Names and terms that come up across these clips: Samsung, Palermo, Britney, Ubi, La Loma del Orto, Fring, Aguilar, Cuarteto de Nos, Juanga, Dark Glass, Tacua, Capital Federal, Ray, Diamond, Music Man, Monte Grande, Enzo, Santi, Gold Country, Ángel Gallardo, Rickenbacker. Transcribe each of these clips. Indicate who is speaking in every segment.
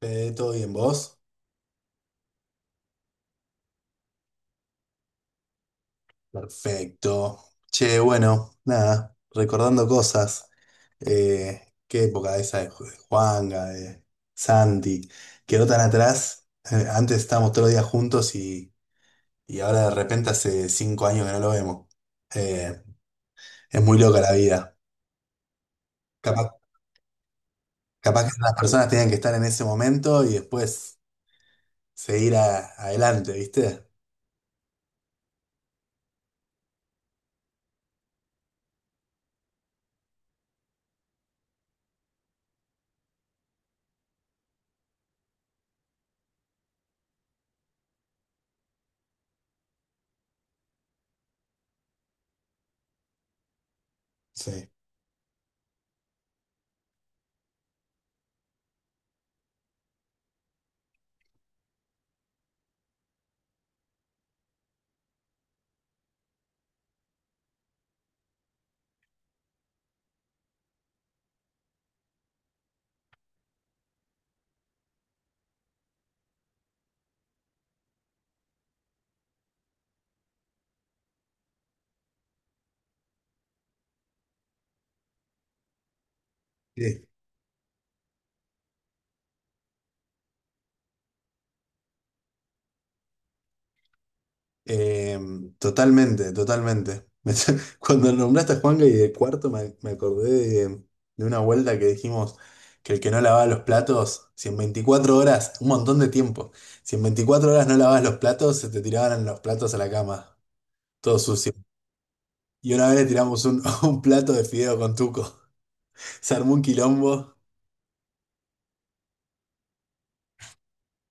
Speaker 1: ¿Todo bien vos? Perfecto. Che, bueno, nada, recordando cosas. Eh, qué época esa de Juanga, de Santi. Quedó tan atrás. Antes estábamos todos los días juntos y ahora de repente hace 5 años que no lo vemos. Eh, es muy loca la vida. Capaz, capaz que las personas tenían que estar en ese momento y después seguir adelante, ¿viste? Sí. Sí. Eh, totalmente, totalmente. Me Cuando nombraste a Juanga y de cuarto me acordé de, de una vuelta que dijimos que el que no lavaba los platos, si en 24 horas, un montón de tiempo, si en 24 horas no lavabas los platos, se te tiraban los platos a la cama, todo sucio. Y una vez le tiramos un plato de fideo con tuco. Se armó un quilombo.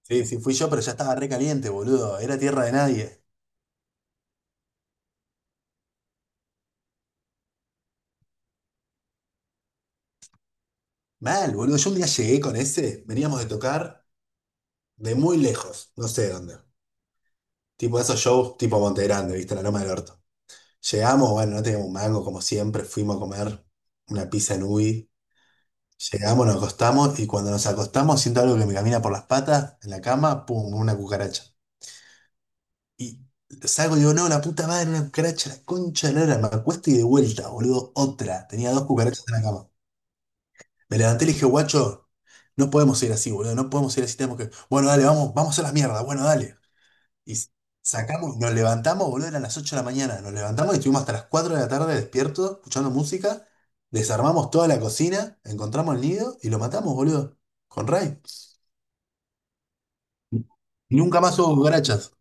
Speaker 1: Sí, sí, fui yo, pero ya estaba re caliente, boludo. Era tierra de nadie. Mal, boludo. Yo un día llegué con ese, veníamos de tocar de muy lejos, no sé dónde. Tipo esos shows tipo Monte Grande, ¿viste? La Loma del Orto. Llegamos, bueno, no teníamos un mango como siempre, fuimos a comer una pizza en Ubi. Llegamos, nos acostamos y cuando nos acostamos siento algo que me camina por las patas en la cama, pum, una cucaracha. Y salgo y digo, no, la puta madre, una cucaracha, la concha de la lora. Me acuesto y de vuelta, boludo, otra. Tenía dos cucarachas en la cama. Me levanté y le dije, guacho, no podemos ir así, boludo, no podemos ir así, tenemos que... Bueno, dale, vamos, vamos a las mierdas, bueno, dale. Y sacamos, nos levantamos, boludo, eran las 8 de la mañana. Nos levantamos y estuvimos hasta las 4 de la tarde despiertos, escuchando música. Desarmamos toda la cocina, encontramos el nido y lo matamos, boludo. Con Ray. Y nunca más hubo cucarachas.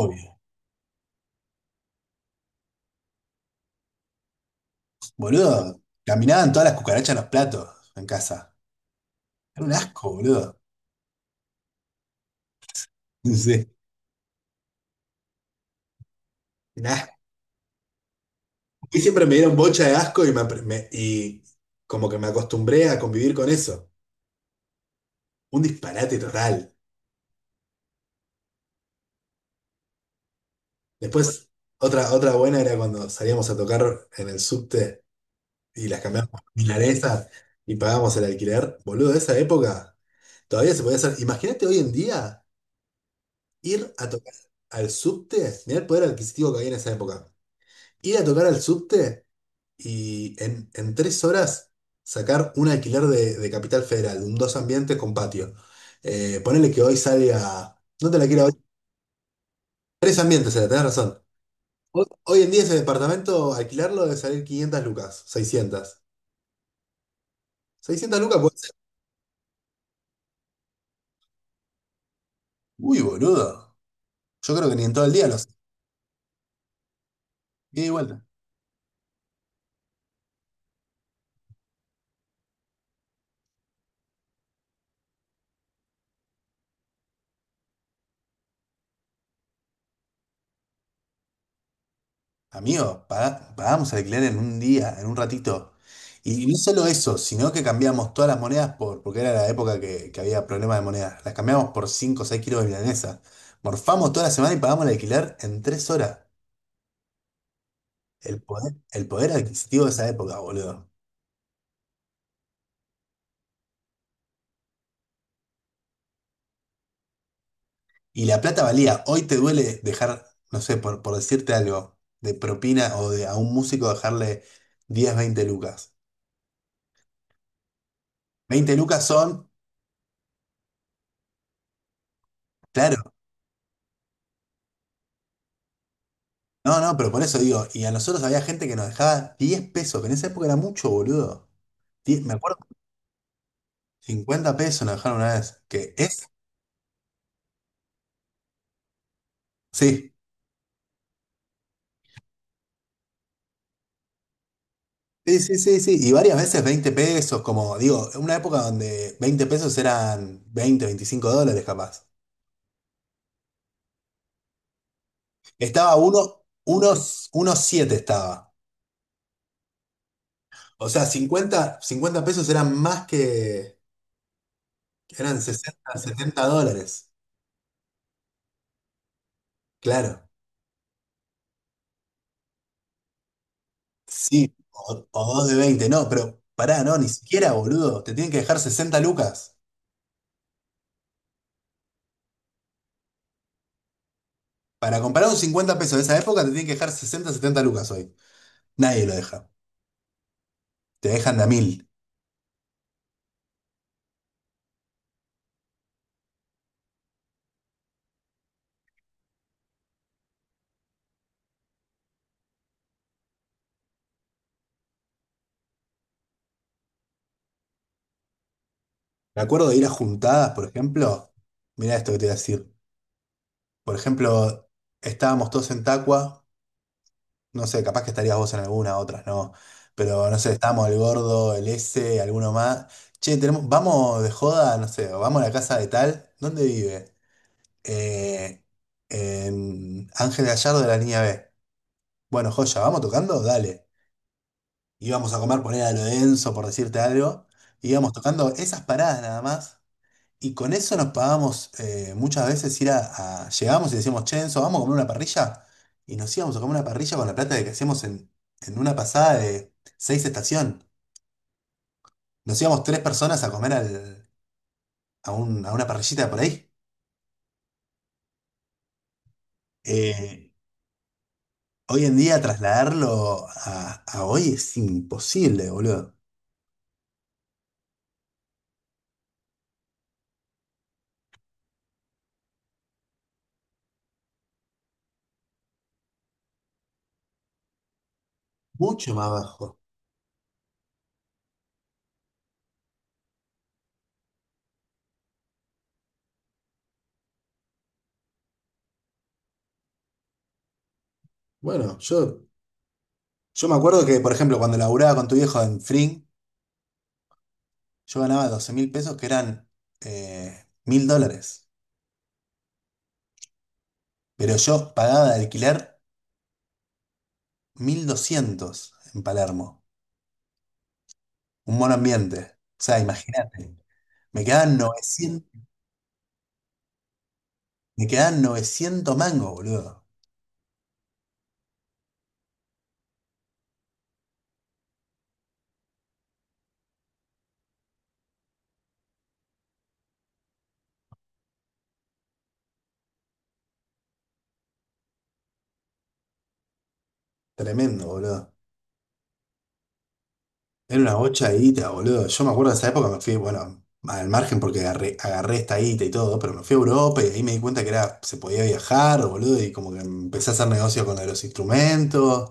Speaker 1: Obvio. Boludo, caminaban todas las cucarachas en los platos en casa. Era un asco, boludo. Sí. Un asco. Y siempre me dieron bocha de asco y, y como que me acostumbré a convivir con eso. Un disparate total. Después, otra buena era cuando salíamos a tocar en el subte y las cambiamos por milanesas y pagamos el alquiler. Boludo, de esa época todavía se podía hacer. Imagínate hoy en día ir a tocar al subte. Mirá el poder adquisitivo que había en esa época. Ir a tocar al subte y en 3 horas sacar un alquiler de Capital Federal, un dos ambientes con patio. Ponele que hoy salga. No te la quiero hoy. Tres ambientes, era, tenés razón. Hoy en día ese departamento, alquilarlo debe salir 500 lucas, 600. 600 lucas puede ser. Uy, boludo. Yo creo que ni en todo el día los. Y de vuelta. Amigo, pagamos alquiler en un día, en un ratito. Y no solo eso, sino que cambiamos todas las monedas porque era la época que había problemas de monedas. Las cambiamos por 5 o 6 kilos de milanesa. Morfamos toda la semana y pagamos el alquiler en 3 horas. El poder adquisitivo de esa época, boludo. Y la plata valía. Hoy te duele dejar, no sé, por decirte algo, de propina o de a un músico dejarle 10, 20 lucas. Veinte lucas son, claro, no, no, pero por eso digo, y a nosotros había gente que nos dejaba 10 pesos, que en esa época era mucho, boludo. 10 me acuerdo, 50 pesos nos dejaron una vez, que es, sí, sí, sí, sí, sí, y varias veces 20 pesos, como digo, en una época donde 20 pesos eran 20, 25 dólares capaz. Estaba unos 7 estaba. O sea, cincuenta pesos eran más que, eran 60, 70 dólares. Claro, sí, o 2 de 20 no, pero pará, no, ni siquiera, boludo. Te tienen que dejar 60 lucas. Para comprar un $50 de esa época, te tienen que dejar 60, 70 lucas hoy. Nadie lo deja. Te dejan de a mil. Me acuerdo de ir a juntadas, por ejemplo. Mirá esto que te voy a decir. Por ejemplo, estábamos todos en Tacua. No sé, capaz que estarías vos en alguna, otras no. Pero no sé, estamos el gordo, el S, alguno más. Che, tenemos, vamos de joda, no sé, o vamos a la casa de tal. ¿Dónde vive? Eh, en Ángel Gallardo de la línea B. Bueno, joya, ¿vamos tocando? Dale. Íbamos a comer, poner a lo denso, por decirte algo. Íbamos tocando esas paradas nada más. Y con eso nos pagamos muchas veces ir Llegamos y decíamos, che, Enzo, vamos a comer una parrilla. Y nos íbamos a comer una parrilla con la plata de que hacíamos en, una pasada de 6 estaciones. Nos íbamos tres personas a comer a una parrillita por ahí. Eh, hoy en día trasladarlo a hoy es imposible, boludo. Mucho más bajo. Bueno, yo me acuerdo que, por ejemplo, cuando laburaba con tu viejo en Fring, yo ganaba 12.000 pesos que eran 1.000 dólares. Pero yo pagaba de alquiler 1.200 en Palermo, un buen ambiente. O sea, imagínate, me quedaban 900 me quedaban 900 mangos, boludo. Tremendo, boludo. Era una bocha de guita, boludo. Yo me acuerdo de esa época, me fui, bueno, al margen porque agarré esta guita y todo, pero me fui a Europa y ahí me di cuenta que era, se podía viajar, boludo, y como que empecé a hacer negocio con los instrumentos.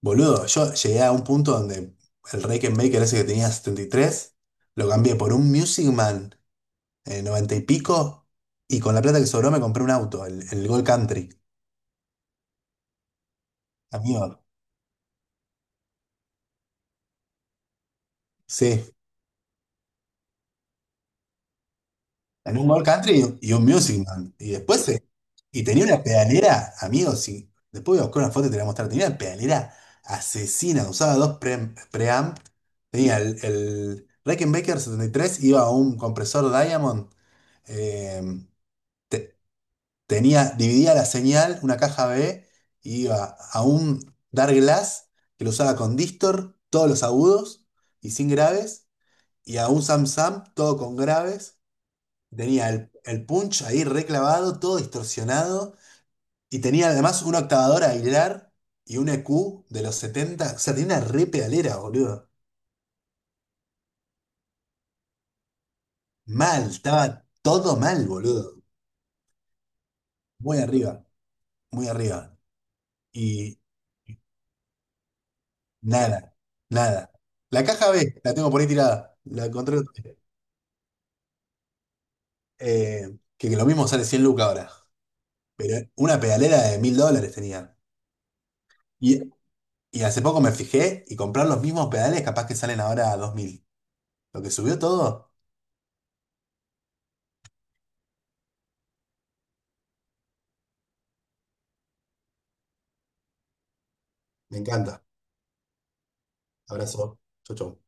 Speaker 1: Boludo, yo llegué a un punto donde el Maker ese que tenía 73 lo cambié por un Music Man 90 y pico, y con la plata que sobró me compré un auto, el Gold Country, amigo, sí, en un Gold Country y un Music Man, y después. Y tenía una pedalera, amigo, sí, después voy a buscar una foto y te la voy a mostrar, tenía una pedalera asesina, usaba dos preamp, tenía el Rickenbacker 73 iba a un compresor Diamond, eh, tenía, dividía la señal, una caja B, y iba a un Dark Glass que lo usaba con Distor, todos los agudos y sin graves, y a un Samsung, todo con graves. Tenía el punch ahí reclavado, todo distorsionado, y tenía además una octavadora Aguilar y un EQ de los 70. O sea, tenía una re pedalera, boludo. Mal, estaba todo mal, boludo. Muy arriba, muy arriba. Y Nada, nada. La caja B, la tengo por ahí tirada. La encontré el otro día. Que lo mismo sale 100 lucas ahora. Pero una pedalera de 1.000 dólares tenía. Y, y hace poco me fijé y comprar los mismos pedales capaz que salen ahora a 2.000. Lo que subió todo, me encanta. Abrazo. Chau, chau.